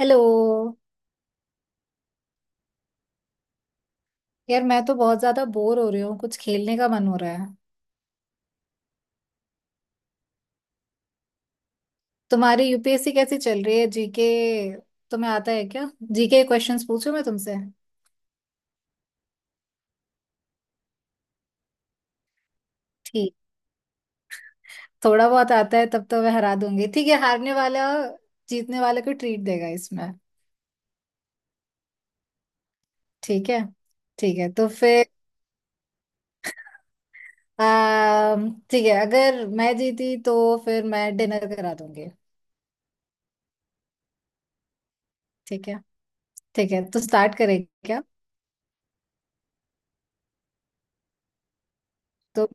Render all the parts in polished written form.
Hello. यार मैं तो बहुत ज्यादा बोर हो रही हूँ, कुछ खेलने का मन हो रहा है। तुम्हारी यूपीएससी कैसी चल रही है? जीके तुम्हें आता है क्या? जीके क्वेश्चंस पूछूं मैं तुमसे? ठीक। थोड़ा बहुत आता है तब तो मैं हरा दूंगी। ठीक है, हारने वाला जीतने वाले को ट्रीट देगा इसमें। ठीक है। ठीक है तो फिर ठीक है, अगर मैं जीती तो फिर मैं डिनर करा दूंगी। ठीक है। ठीक है तो स्टार्ट करें क्या? तो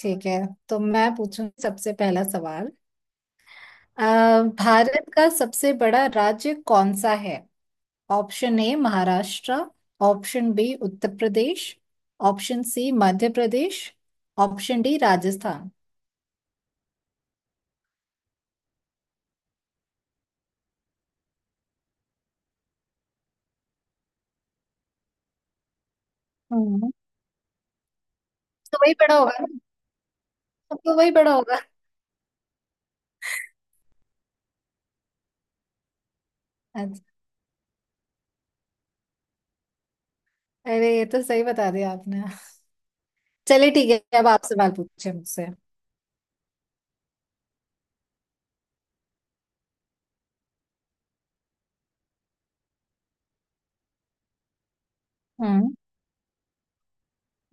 ठीक है। तो मैं पूछूं सबसे पहला सवाल। अ, भारत का सबसे बड़ा राज्य कौन सा है? Option A Maharashtra, option B Uttar Pradesh, option C Madhya Pradesh, option D Rajasthan. हम्म, तो वही बड़ा होगा ना? तो वही बड़ा होगा। अच्छा। अरे ये तो सही बता दिया आपने। चलिए ठीक है, अब आप सवाल पूछे मुझसे। हम्म।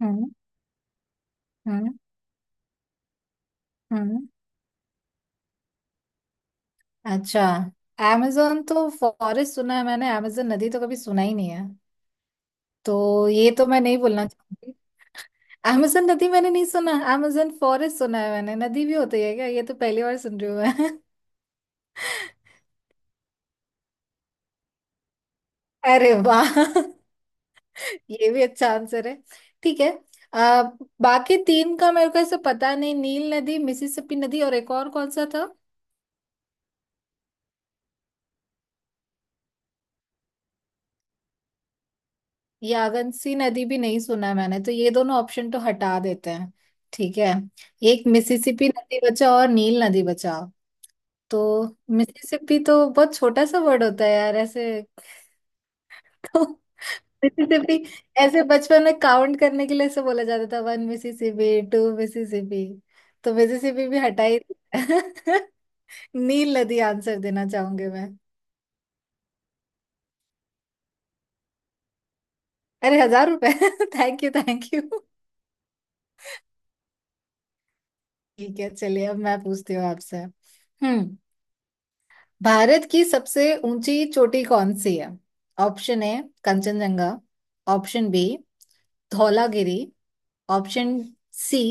हम्म। हम्म। हम्म। अच्छा, amazon तो फॉरेस्ट सुना है मैंने, amazon नदी तो कभी सुना ही नहीं है, तो ये तो मैं नहीं बोलना चाहूंगी। amazon नदी मैंने नहीं सुना, amazon फॉरेस्ट सुना है मैंने, नदी भी होती है क्या? ये तो पहली बार सुन रही हूँ मैं। अरे वाह, ये भी अच्छा आंसर है। ठीक है। आ, बाकी तीन का मेरे को ऐसे पता नहीं, नील नदी, मिसिसिपी नदी, और एक और कौन सा था? यागंसी नदी भी नहीं सुना है मैंने, तो ये दोनों ऑप्शन तो हटा देते हैं। ठीक है, एक मिसिसिपी नदी बचा और नील नदी बचा। तो मिसिसिपी तो बहुत छोटा सा वर्ड होता है यार ऐसे। मिसिसिपी, ऐसे बचपन में काउंट करने के लिए ऐसे बोला जाता था, वन मिसिसिपी, टू मिसिसिपी। तो मिसिसिपी भी हटा ही दिया। नील नदी आंसर देना चाहूंगी मैं। अरे 1,000 रुपए थैंक यू थैंक यू। ठीक है चलिए, अब मैं पूछती हूँ आपसे। हम्म। भारत की सबसे ऊंची चोटी कौन सी है? Option A Kanchenjunga, option B Dhaulagiri, option C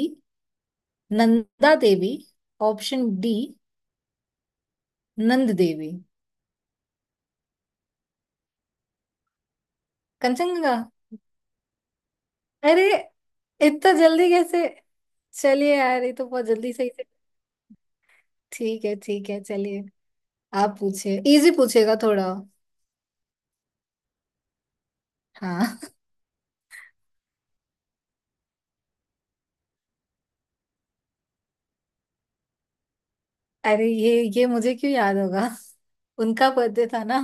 Nanda Devi, option D Nand Devi. Kanchenjunga? अरे इतना जल्दी कैसे? चलिए यार, ये तो बहुत जल्दी सही से। ठीक है चलिए। आप पूछिए, इजी पूछिएगा थोड़ा। हाँ। अरे ये मुझे क्यों याद होगा? उनका बर्थडे था ना?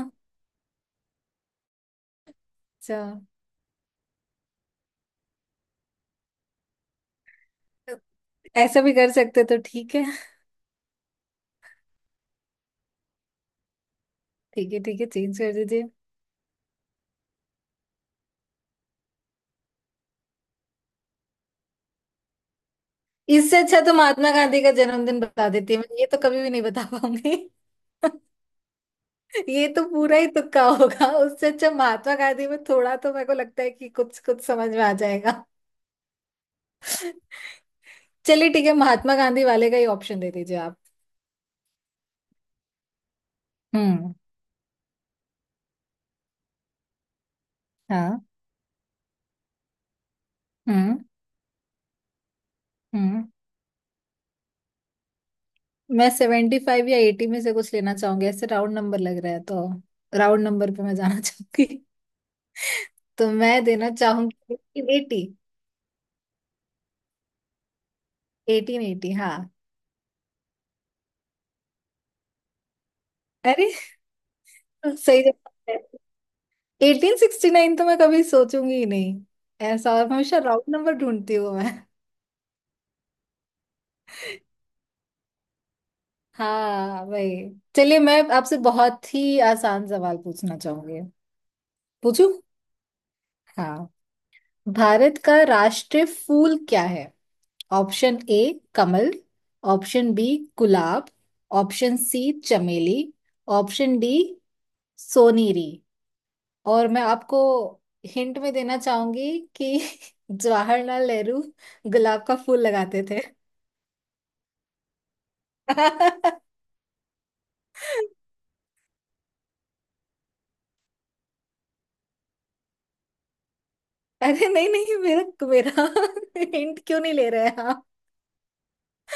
अच्छा। ऐसा भी कर सकते तो ठीक है। ठीक है ठीक है चेंज कर दीजिए। इससे अच्छा तो महात्मा गांधी का जन्मदिन बता देती मैं, ये तो कभी भी नहीं बता पाऊंगी। ये तो पूरा ही तुक्का होगा, उससे अच्छा महात्मा गांधी में थोड़ा तो मेरे को लगता है कि कुछ कुछ समझ में आ जाएगा। चलिए ठीक है, महात्मा गांधी वाले का ही ऑप्शन दे दीजिए आप। हम्म। हाँ। हम्म। हम्म। मैं 75 या 80 में से कुछ लेना चाहूंगी, ऐसे राउंड नंबर लग रहा है तो। राउंड नंबर पे मैं जाना चाहूंगी। तो मैं देना चाहूंगी 18। एटीन एटी हाँ। अरे सही जवाब है। 1869 तो मैं कभी सोचूंगी ही नहीं, ऐसा हमेशा राउंड नंबर ढूंढती हूँ मैं। हाँ भाई। चलिए मैं आपसे बहुत ही आसान सवाल पूछना चाहूंगी। पूछू? हाँ। भारत का राष्ट्रीय फूल क्या है? ऑप्शन ए कमल, ऑप्शन बी गुलाब, ऑप्शन सी चमेली, ऑप्शन डी सोनेरी। और मैं आपको हिंट में देना चाहूंगी कि जवाहरलाल नेहरू गुलाब का फूल लगाते थे। अरे नहीं नहीं, मेरा मेरा हिंट क्यों नहीं ले रहे आप?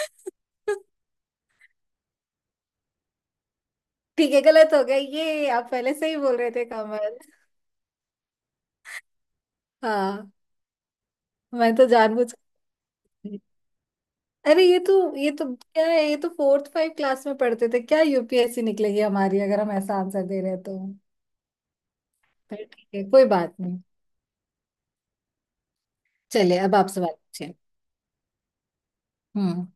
ठीक है, गलत हो गया। ये आप पहले से ही बोल रहे थे कमल। हाँ। मैं तो जानबूझ। अरे ये तो क्या है, ये तो 4-5 क्लास में पढ़ते थे। क्या यूपीएससी निकलेगी हमारी अगर हम ऐसा आंसर दे रहे हैं तो? पर ठीक है कोई बात नहीं। चलिए अब आप सवाल पूछिए। हम्म।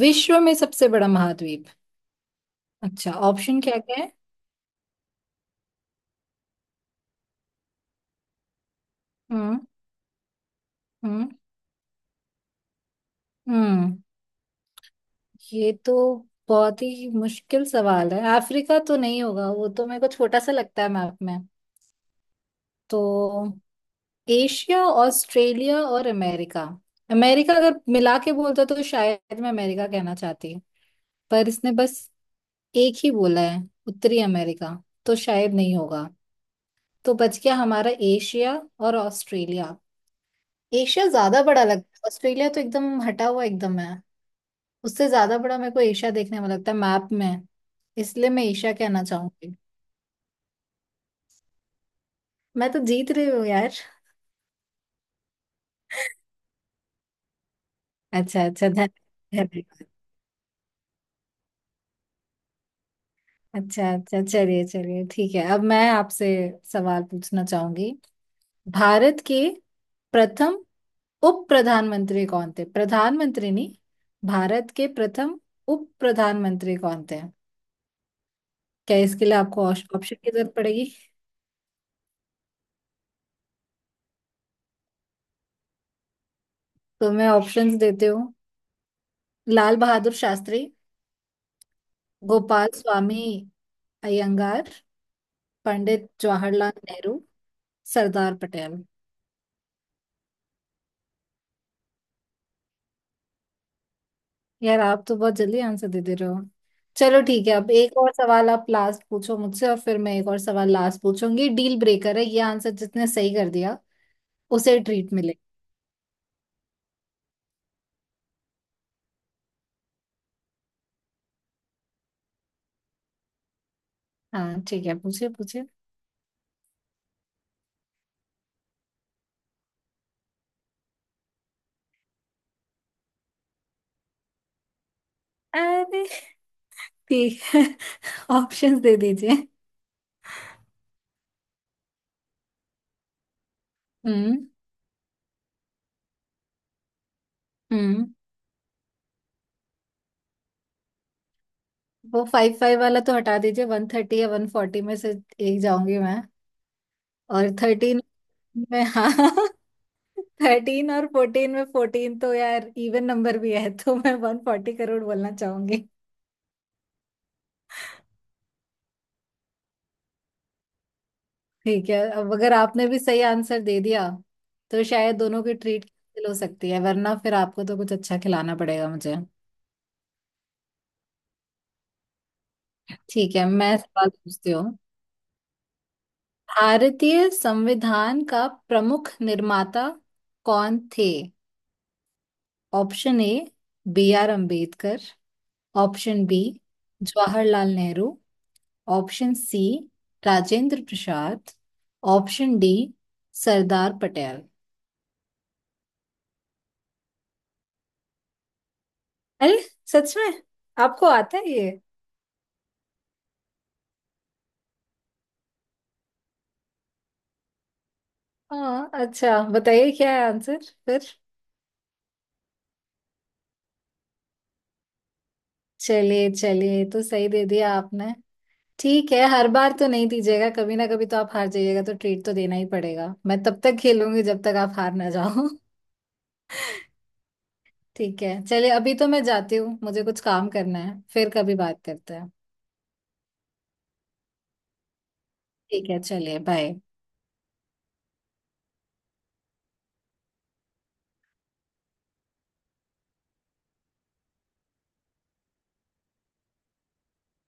विश्व में सबसे बड़ा महाद्वीप। अच्छा, ऑप्शन क्या क्या है? हम्म। हम्म। हम्म। ये तो बहुत ही मुश्किल सवाल है। अफ्रीका तो नहीं होगा, वो तो मेरे को छोटा सा लगता है मैप में। तो एशिया, ऑस्ट्रेलिया और अमेरिका। अमेरिका अगर मिला के बोलता तो शायद मैं अमेरिका कहना चाहती, पर इसने बस एक ही बोला है, उत्तरी अमेरिका, तो शायद नहीं होगा। तो बच गया हमारा एशिया और ऑस्ट्रेलिया। एशिया ज्यादा बड़ा लगता है, ऑस्ट्रेलिया तो एकदम हटा हुआ एकदम है। उससे ज्यादा बड़ा मेरे को एशिया देखने में लगता है मैप में, इसलिए मैं एशिया कहना चाहूंगी। मैं तो जीत रही हूँ यार। अच्छा अच्छा, धन धन्यवाद अच्छा अच्छा चलिए चलिए ठीक है, अब मैं आपसे सवाल पूछना चाहूंगी। भारत के प्रथम उप प्रधानमंत्री कौन थे? प्रधानमंत्री नहीं, भारत के प्रथम उप प्रधानमंत्री कौन थे? क्या इसके लिए आपको ऑप्शन की जरूरत पड़ेगी? तो मैं ऑप्शंस देती हूँ। लाल बहादुर शास्त्री, गोपाल स्वामी अयंगार, पंडित जवाहरलाल नेहरू, सरदार पटेल। यार आप तो बहुत जल्दी आंसर दे दे रहे हो। चलो ठीक है, अब एक और सवाल आप लास्ट पूछो मुझसे और फिर मैं एक और सवाल लास्ट पूछूंगी। डील ब्रेकर है ये, आंसर जिसने सही कर दिया उसे ट्रीट मिले। हाँ ठीक है, पूछिए पूछिए। अरे ठीक है। ऑप्शंस दे दीजिए। हम्म। हम्म। वो फाइव फाइव वाला तो हटा दीजिए, 130 या 140 में से एक जाऊंगी मैं। और 13 में हाँ 13 और 14 में 14 तो यार इवन नंबर भी है, तो मैं 140 करोड़ बोलना चाहूंगी। ठीक है, अब अगर आपने भी सही आंसर दे दिया तो शायद दोनों की ट्रीट कैंसिल हो सकती है, वरना फिर आपको तो कुछ अच्छा खिलाना पड़ेगा मुझे। ठीक है, मैं सवाल पूछती। भारतीय संविधान का प्रमुख निर्माता कौन थे? Option A B R Ambedkar, option B Jawaharlal Nehru, option C Rajendra Prasad, option D Sardar Patel. अरे सच में आपको आता है ये? हाँ अच्छा बताइए, क्या है आंसर फिर? चलिए चलिए, तो सही दे दिया आपने। ठीक है, हर बार तो नहीं दीजिएगा, कभी ना कभी तो आप हार जाइएगा, तो ट्रीट तो देना ही पड़ेगा। मैं तब तक खेलूंगी जब तक आप हार ना जाओ। ठीक है चलिए, अभी तो मैं जाती हूँ, मुझे कुछ काम करना है, फिर कभी बात करते हैं। ठीक है चलिए बाय।